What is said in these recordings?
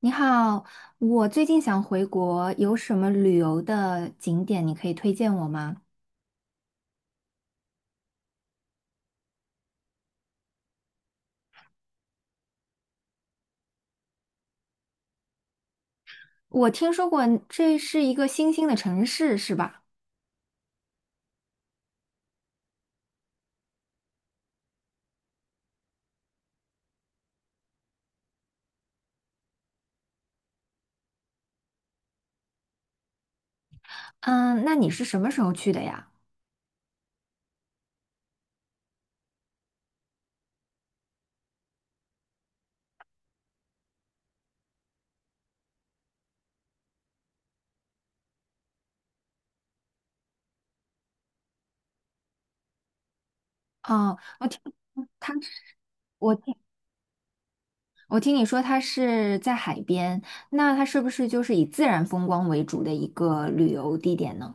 你好，我最近想回国，有什么旅游的景点你可以推荐我吗？我听说过这是一个新兴的城市，是吧？嗯，那你是什么时候去的呀？哦，我听他，我听我听你说它是在海边，那它是不是就是以自然风光为主的一个旅游地点呢？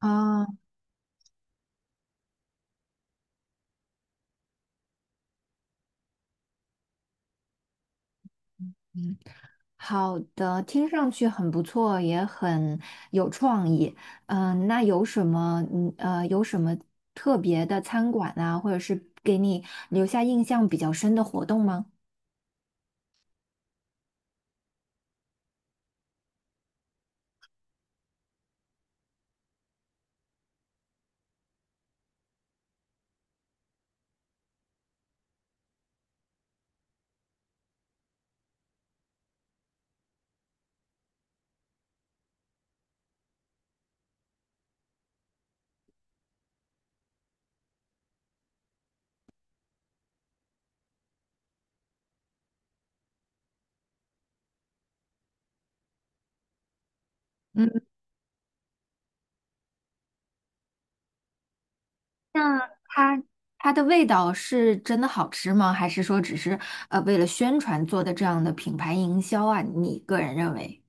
哦，好的，听上去很不错，也很有创意。那有什么特别的餐馆啊，或者是给你留下印象比较深的活动吗？嗯，那它它的味道是真的好吃吗？还是说只是为了宣传做的这样的品牌营销啊？你个人认为？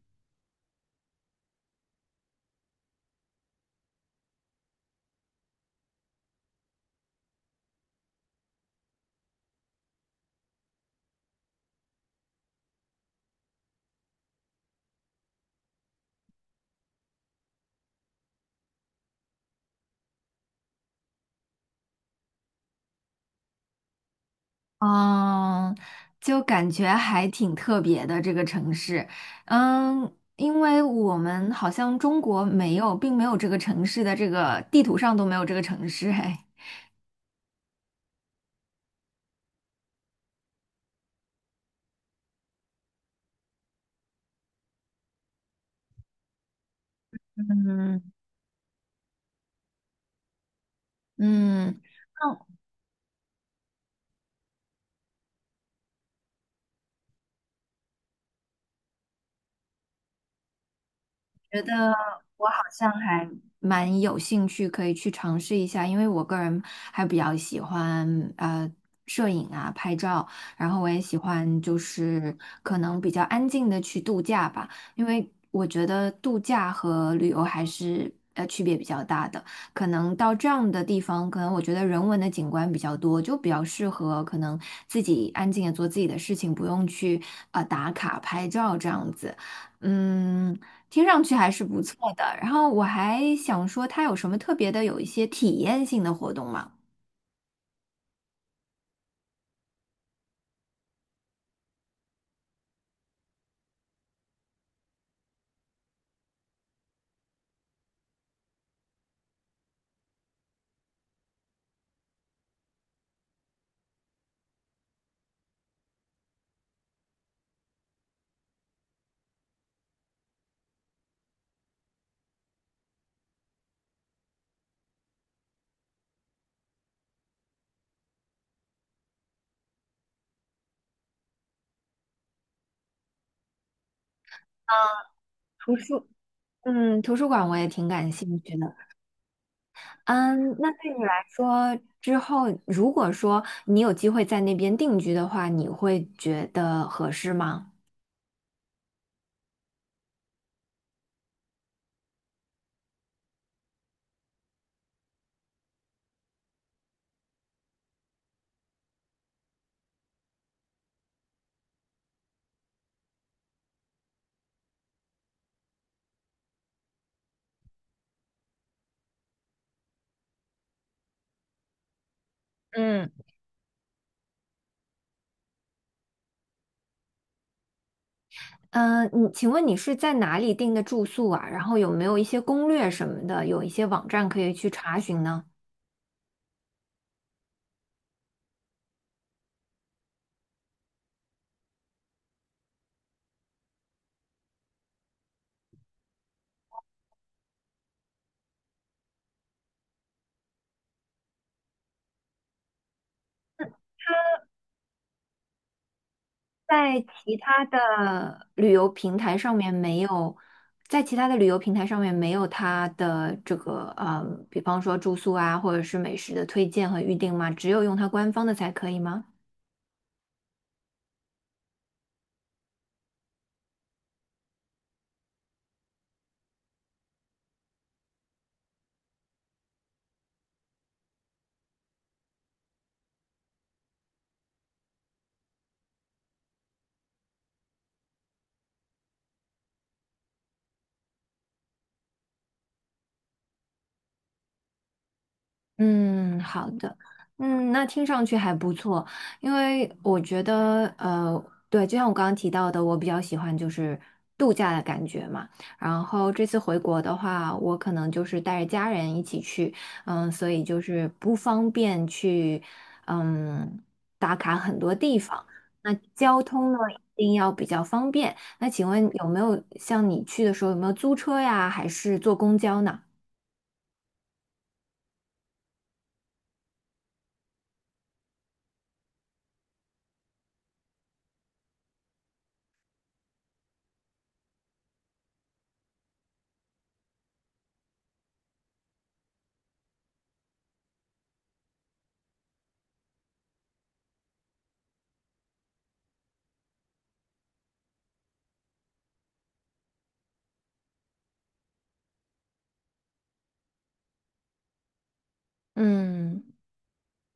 嗯，就感觉还挺特别的这个城市，嗯，因为我们好像中国没有，并没有这个城市的这个地图上都没有这个城市，哎，嗯，嗯，觉得我好像还蛮有兴趣，可以去尝试一下，因为我个人还比较喜欢摄影啊、拍照，然后我也喜欢就是可能比较安静的去度假吧，因为我觉得度假和旅游还是区别比较大的。可能到这样的地方，可能我觉得人文的景观比较多，就比较适合可能自己安静的做自己的事情，不用去打卡拍照这样子。嗯，听上去还是不错的。然后我还想说，它有什么特别的，有一些体验性的活动吗？图书，嗯，图书馆我也挺感兴趣的。嗯，那对你来说，之后如果说你有机会在那边定居的话，你会觉得合适吗？嗯。嗯，请问你是在哪里订的住宿啊？然后有没有一些攻略什么的，有一些网站可以去查询呢？在其他的旅游平台上面没有，在其他的旅游平台上面没有它的这个，比方说住宿啊，或者是美食的推荐和预订吗？只有用它官方的才可以吗？嗯，好的，嗯，那听上去还不错，因为我觉得，对，就像我刚刚提到的，我比较喜欢就是度假的感觉嘛。然后这次回国的话，我可能就是带着家人一起去，嗯，所以就是不方便去，嗯，打卡很多地方。那交通呢，一定要比较方便。那请问有没有像你去的时候有没有租车呀，还是坐公交呢？嗯。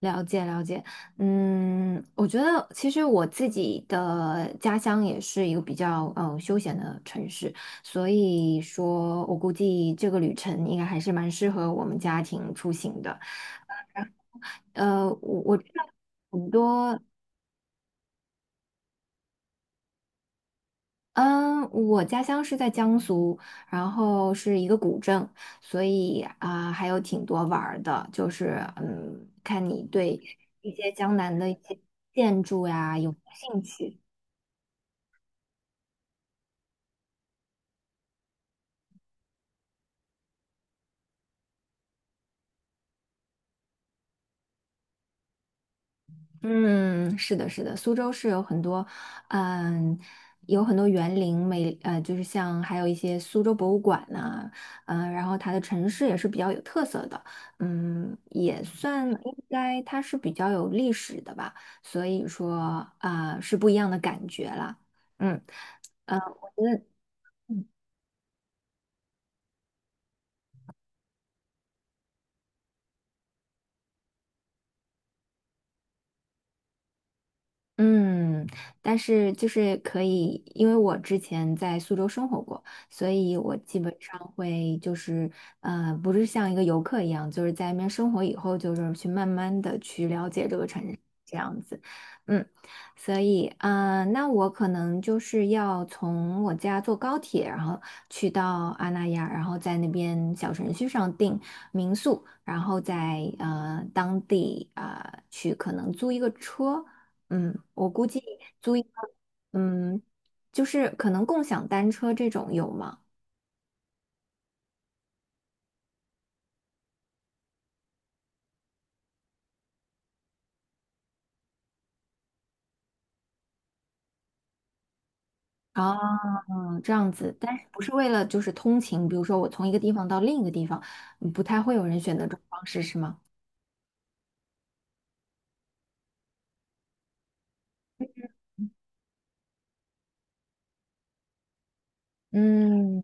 了解了解，嗯，我觉得其实我自己的家乡也是一个比较休闲的城市，所以说我估计这个旅程应该还是蛮适合我们家庭出行的。我知道很多。嗯，我家乡是在江苏，然后是一个古镇，所以啊、还有挺多玩儿的，就是嗯，看你对一些江南的一些建筑呀有没有兴趣。嗯，是的，是的，苏州是有很多，嗯，有很多园林美，就是像还有一些苏州博物馆呐、嗯、然后它的城市也是比较有特色的，嗯，也算应该它是比较有历史的吧，所以说啊、是不一样的感觉啦，嗯，我觉得。嗯，但是就是可以，因为我之前在苏州生活过，所以我基本上会就是，不是像一个游客一样，就是在那边生活以后，就是去慢慢的去了解这个城市这样子，嗯，所以，那我可能就是要从我家坐高铁，然后去到阿那亚，然后在那边小程序上订民宿，然后在当地啊、去可能租一个车。嗯，我估计租一个，嗯，就是可能共享单车这种有吗？啊，这样子，但是不是为了就是通勤，比如说我从一个地方到另一个地方，不太会有人选择这种方式，是吗？嗯，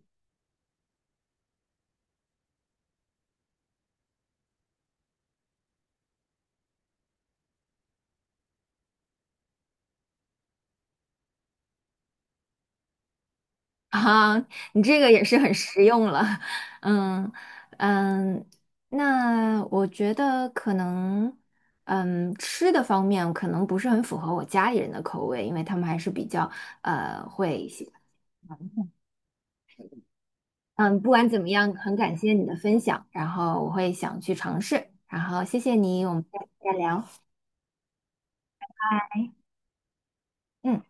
啊，你这个也是很实用了，嗯嗯，那我觉得可能，嗯，吃的方面可能不是很符合我家里人的口味，因为他们还是比较呃会喜欢。嗯，不管怎么样，很感谢你的分享，然后我会想去尝试，然后谢谢你，我们下次再聊。嗯。